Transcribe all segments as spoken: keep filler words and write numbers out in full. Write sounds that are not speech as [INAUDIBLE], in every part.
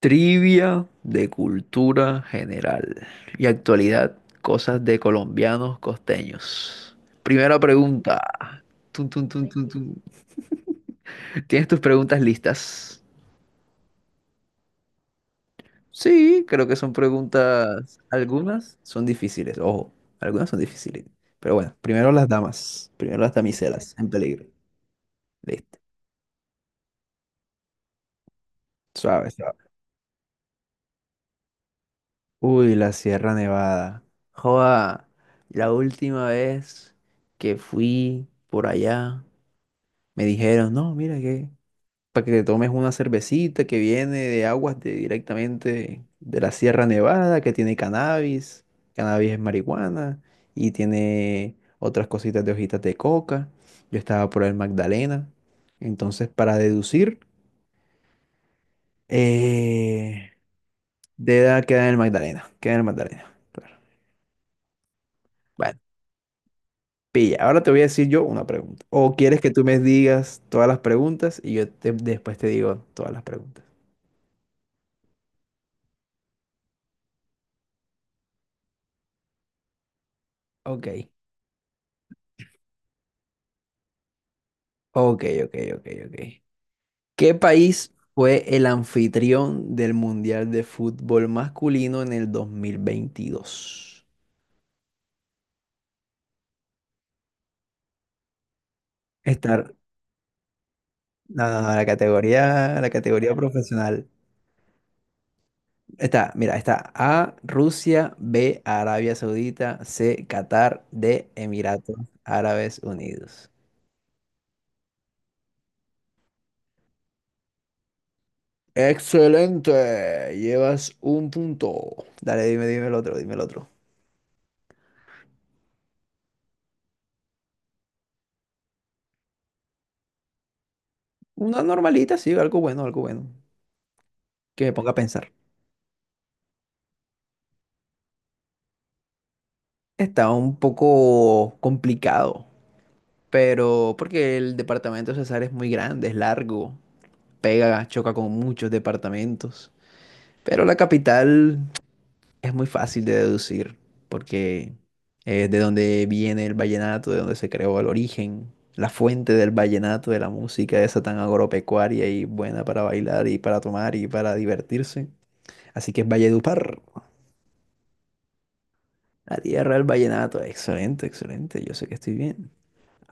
Trivia de cultura general y actualidad, cosas de colombianos costeños. Primera pregunta. Tun, tun, tun, tun, tun. ¿Tienes tus preguntas listas? Sí, creo que son preguntas. Algunas son difíciles, ojo, algunas son difíciles. Pero bueno, primero las damas, primero las damiselas en peligro. Listo. Suave, suave. Uy, la Sierra Nevada. Joda, la última vez que fui por allá. Me dijeron, no, mira que para que te tomes una cervecita que viene de aguas de- directamente de la Sierra Nevada, que tiene cannabis, cannabis es marihuana y tiene otras cositas de hojitas de coca. Yo estaba por el Magdalena. Entonces, para deducir, eh, de edad queda en el Magdalena, queda en el Magdalena. Claro. Bueno, pilla, ahora te voy a decir yo una pregunta. ¿O quieres que tú me digas todas las preguntas y yo te- después te digo todas las preguntas? Ok. Ok, ok, ok, ok. ¿Qué país fue el anfitrión del Mundial de Fútbol Masculino en el dos mil veintidós? Estar, no, no, no, la categoría, la categoría profesional. Está, mira, está A, Rusia, B, Arabia Saudita, C, Qatar, D, Emiratos Árabes Unidos. Excelente, llevas un punto. Dale, dime, dime el otro, dime el otro. Una normalita, sí, algo bueno, algo bueno. Que me ponga a pensar. Está un poco complicado, pero porque el departamento de Cesar es muy grande, es largo, pega, choca con muchos departamentos. Pero la capital es muy fácil de deducir, porque es de donde viene el vallenato, de donde se creó el origen, la fuente del vallenato, de la música esa tan agropecuaria y buena para bailar y para tomar y para divertirse. Así que es Valledupar, la tierra del vallenato. Excelente, excelente, yo sé que estoy bien.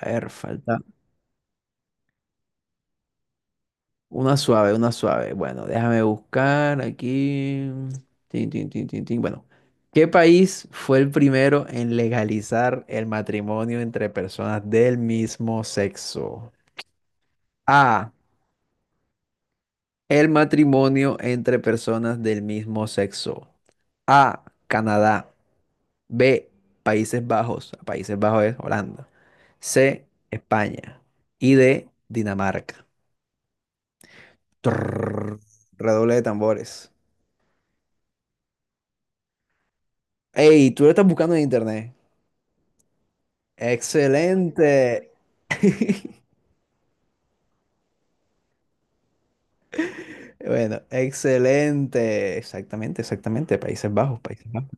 A ver, falta. Una suave, una suave. Bueno, déjame buscar aquí. Tin, tin, tin, tin, tin. Bueno, ¿qué país fue el primero en legalizar el matrimonio entre personas del mismo sexo? A. El matrimonio entre personas del mismo sexo. A. Canadá. B. Países Bajos. Países Bajos es Holanda. C. España. Y D. Dinamarca. Trrr. Redoble de tambores. Hey, tú lo estás buscando en internet. Excelente. Bueno, excelente. Exactamente, exactamente. Países Bajos, Países Bajos.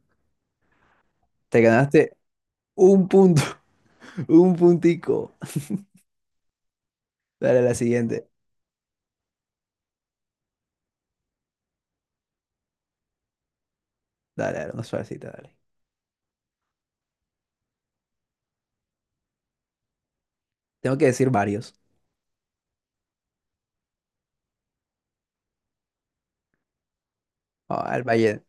Te ganaste un punto, [LAUGHS] un puntico. Dale a la siguiente. Dale, dale, una suavecita, dale. Tengo que decir varios. Ah, el Valle.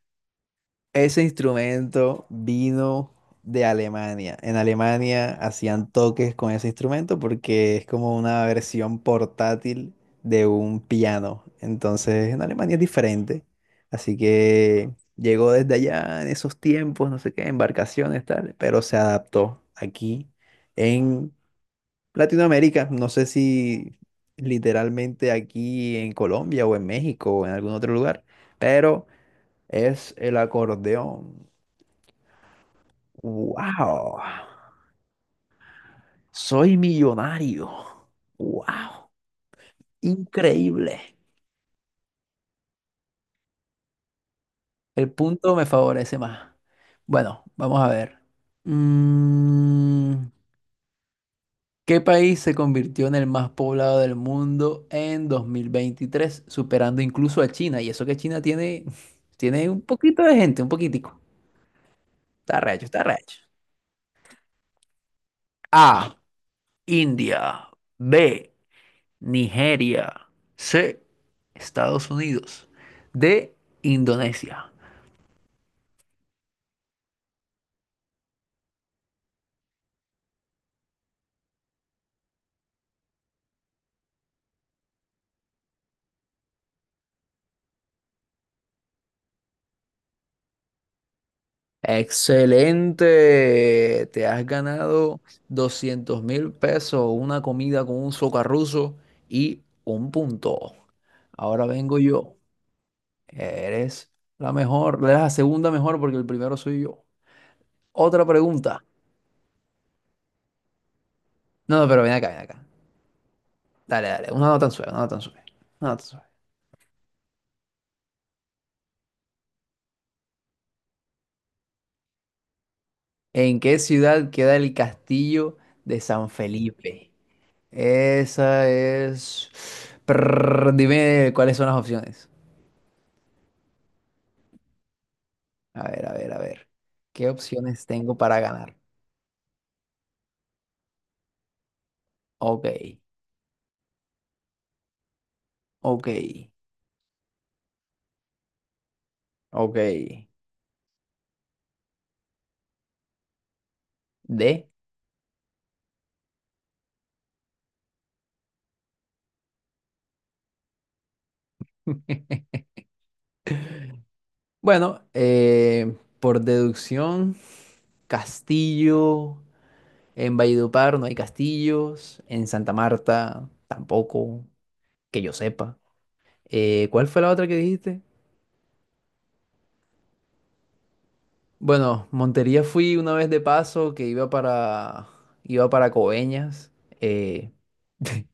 Ese instrumento vino de Alemania. En Alemania hacían toques con ese instrumento porque es como una versión portátil de un piano. Entonces, en Alemania es diferente. Así que llegó desde allá en esos tiempos, no sé qué, embarcaciones, tal, pero se adaptó aquí en Latinoamérica. No sé si literalmente aquí en Colombia o en México o en algún otro lugar, pero es el acordeón. Wow, soy millonario. Wow, increíble. El punto me favorece más. Bueno, vamos a ver. Mm, ¿Qué país se convirtió en el más poblado del mundo en dos mil veintitrés, superando incluso a China? Y eso que China tiene, [LAUGHS] tiene un poquito de gente, un poquitico. Está recho, está recho. A, India. B, Nigeria. C. Estados Unidos. D. Indonesia. Excelente. Te has ganado doscientos mil pesos, una comida con un socarruso y un punto. Ahora vengo yo. Eres la mejor, eres la segunda mejor porque el primero soy yo. Otra pregunta. No, no, pero ven acá, ven acá. Dale, dale. Una no tan suave, una no tan suave. Una no tan suave. ¿En qué ciudad queda el castillo de San Felipe? Esa es. Prrr, dime cuáles son las opciones. A ver, a ver, a ver. ¿Qué opciones tengo para ganar? Ok, ok, ok. D. [LAUGHS] Bueno, eh, por deducción, castillo. En Valledupar no hay castillos. En Santa Marta tampoco, que yo sepa. Eh, ¿cuál fue la otra que dijiste? Bueno, Montería fui una vez de paso que iba para iba para Coveñas. eh, [LAUGHS]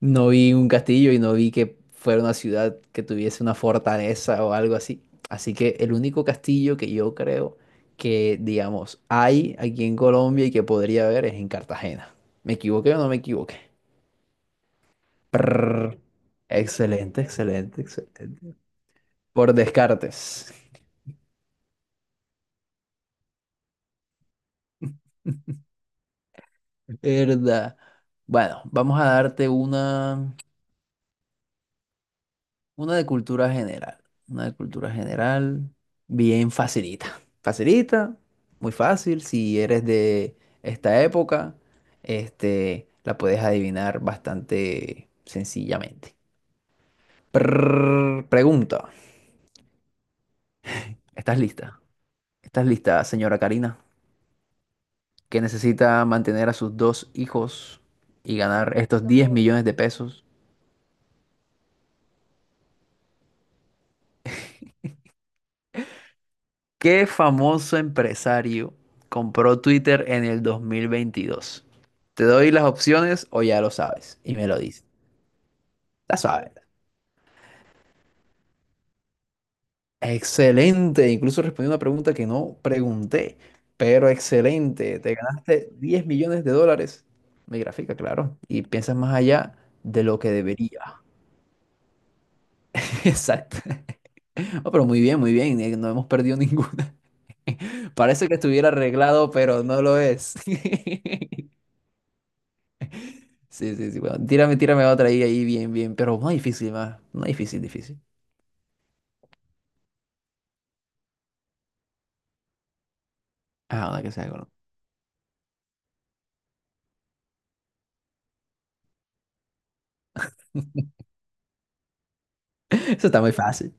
no vi un castillo y no vi que fuera una ciudad que tuviese una fortaleza o algo así. Así que el único castillo que yo creo que, digamos, hay aquí en Colombia y que podría haber es en Cartagena. ¿Me equivoqué o no me equivoqué? Prrr. Excelente, excelente, excelente. Por Descartes. [LAUGHS] ¿Verdad? Bueno, vamos a darte una. Una de cultura general. Una de cultura general. Bien facilita. [LAUGHS] Facilita, muy fácil. Si eres de esta época, este, la puedes adivinar bastante sencillamente. Prrr, pregunta. ¿Estás lista? ¿Estás lista, señora Karina? Que necesita mantener a sus dos hijos y ganar estos diez millones de pesos. ¿Qué famoso empresario compró Twitter en el dos mil veintidós? Te doy las opciones o ya lo sabes y me lo dices. La sabes. Excelente. Incluso respondí una pregunta que no pregunté, pero excelente. Te ganaste diez millones de dólares. Mi gráfica, claro. Y piensas más allá de lo que debería. [LAUGHS] Exacto. Oh, pero muy bien, muy bien. eh, No hemos perdido ninguna. [LAUGHS] Parece que estuviera arreglado, pero no lo es. [LAUGHS] Sí, sí, sí, bueno, tírame, tírame otra ahí, ahí, bien, bien, pero no difícil, más, no difícil, difícil. Ah, una que sea con. [LAUGHS] Eso está muy fácil.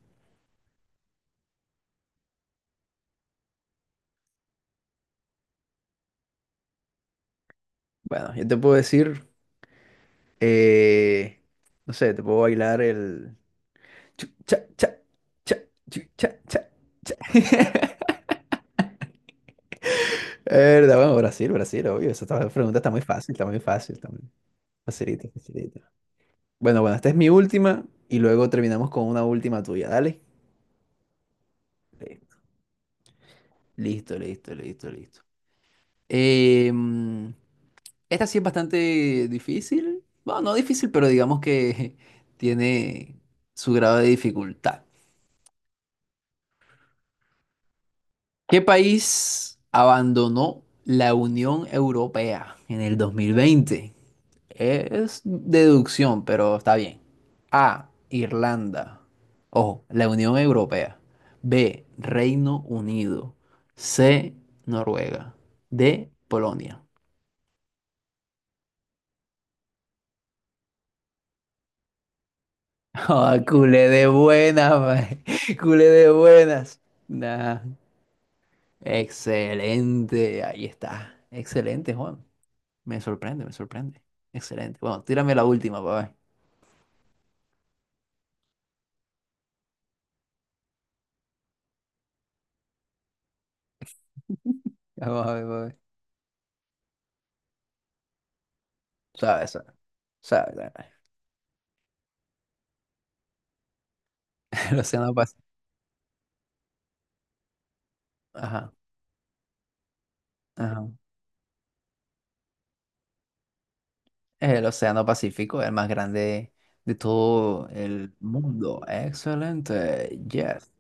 Bueno, yo te puedo decir, eh, no sé, te puedo bailar el. Chu, cha, cha, cha, chu, cha, cha, cha. [LAUGHS] Verdad, bueno, Brasil, Brasil, obvio, esa está- pregunta está muy fácil, está muy fácil, está muy facilita, facilita. Bueno, bueno, esta es mi última y luego terminamos con una última tuya, dale. Listo, listo, listo, listo. Listo. Em, Esta sí es bastante difícil. Bueno, no difícil, pero digamos que [LAUGHS] tiene su grado de dificultad. ¿Qué país abandonó la Unión Europea en el dos mil veinte? Es deducción, pero está bien. A, Irlanda. Ojo, la Unión Europea. B, Reino Unido. C, Noruega. D, Polonia. Ah, culé de buenas, mae. [LAUGHS] Culé de buenas. Nah, excelente, ahí está. Excelente, Juan. Me sorprende, me sorprende. Excelente. Bueno, tírame la última, papá. Vamos a ver, pa'. Sabe, sabe, sabe, sabe. [LAUGHS] El Océano Pacífico. Ajá, ajá. El Océano Pacífico, el más grande de todo el mundo. Excelente, yes.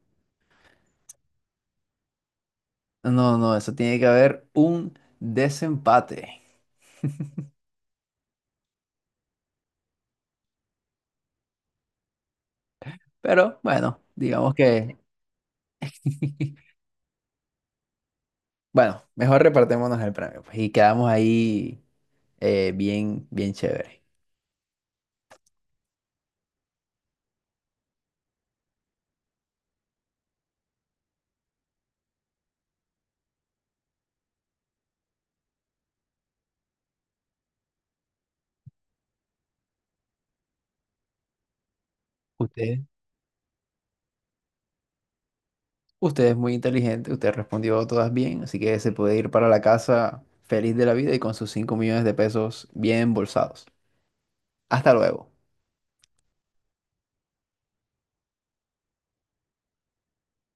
No, no, eso tiene que haber un desempate. Pero bueno, digamos que. [LAUGHS] Bueno, mejor repartémonos el premio, pues, y quedamos ahí eh, bien, bien chévere. Usted, usted es muy inteligente, usted respondió todas bien, así que se puede ir para la casa feliz de la vida y con sus cinco millones de pesos bien embolsados. Hasta luego.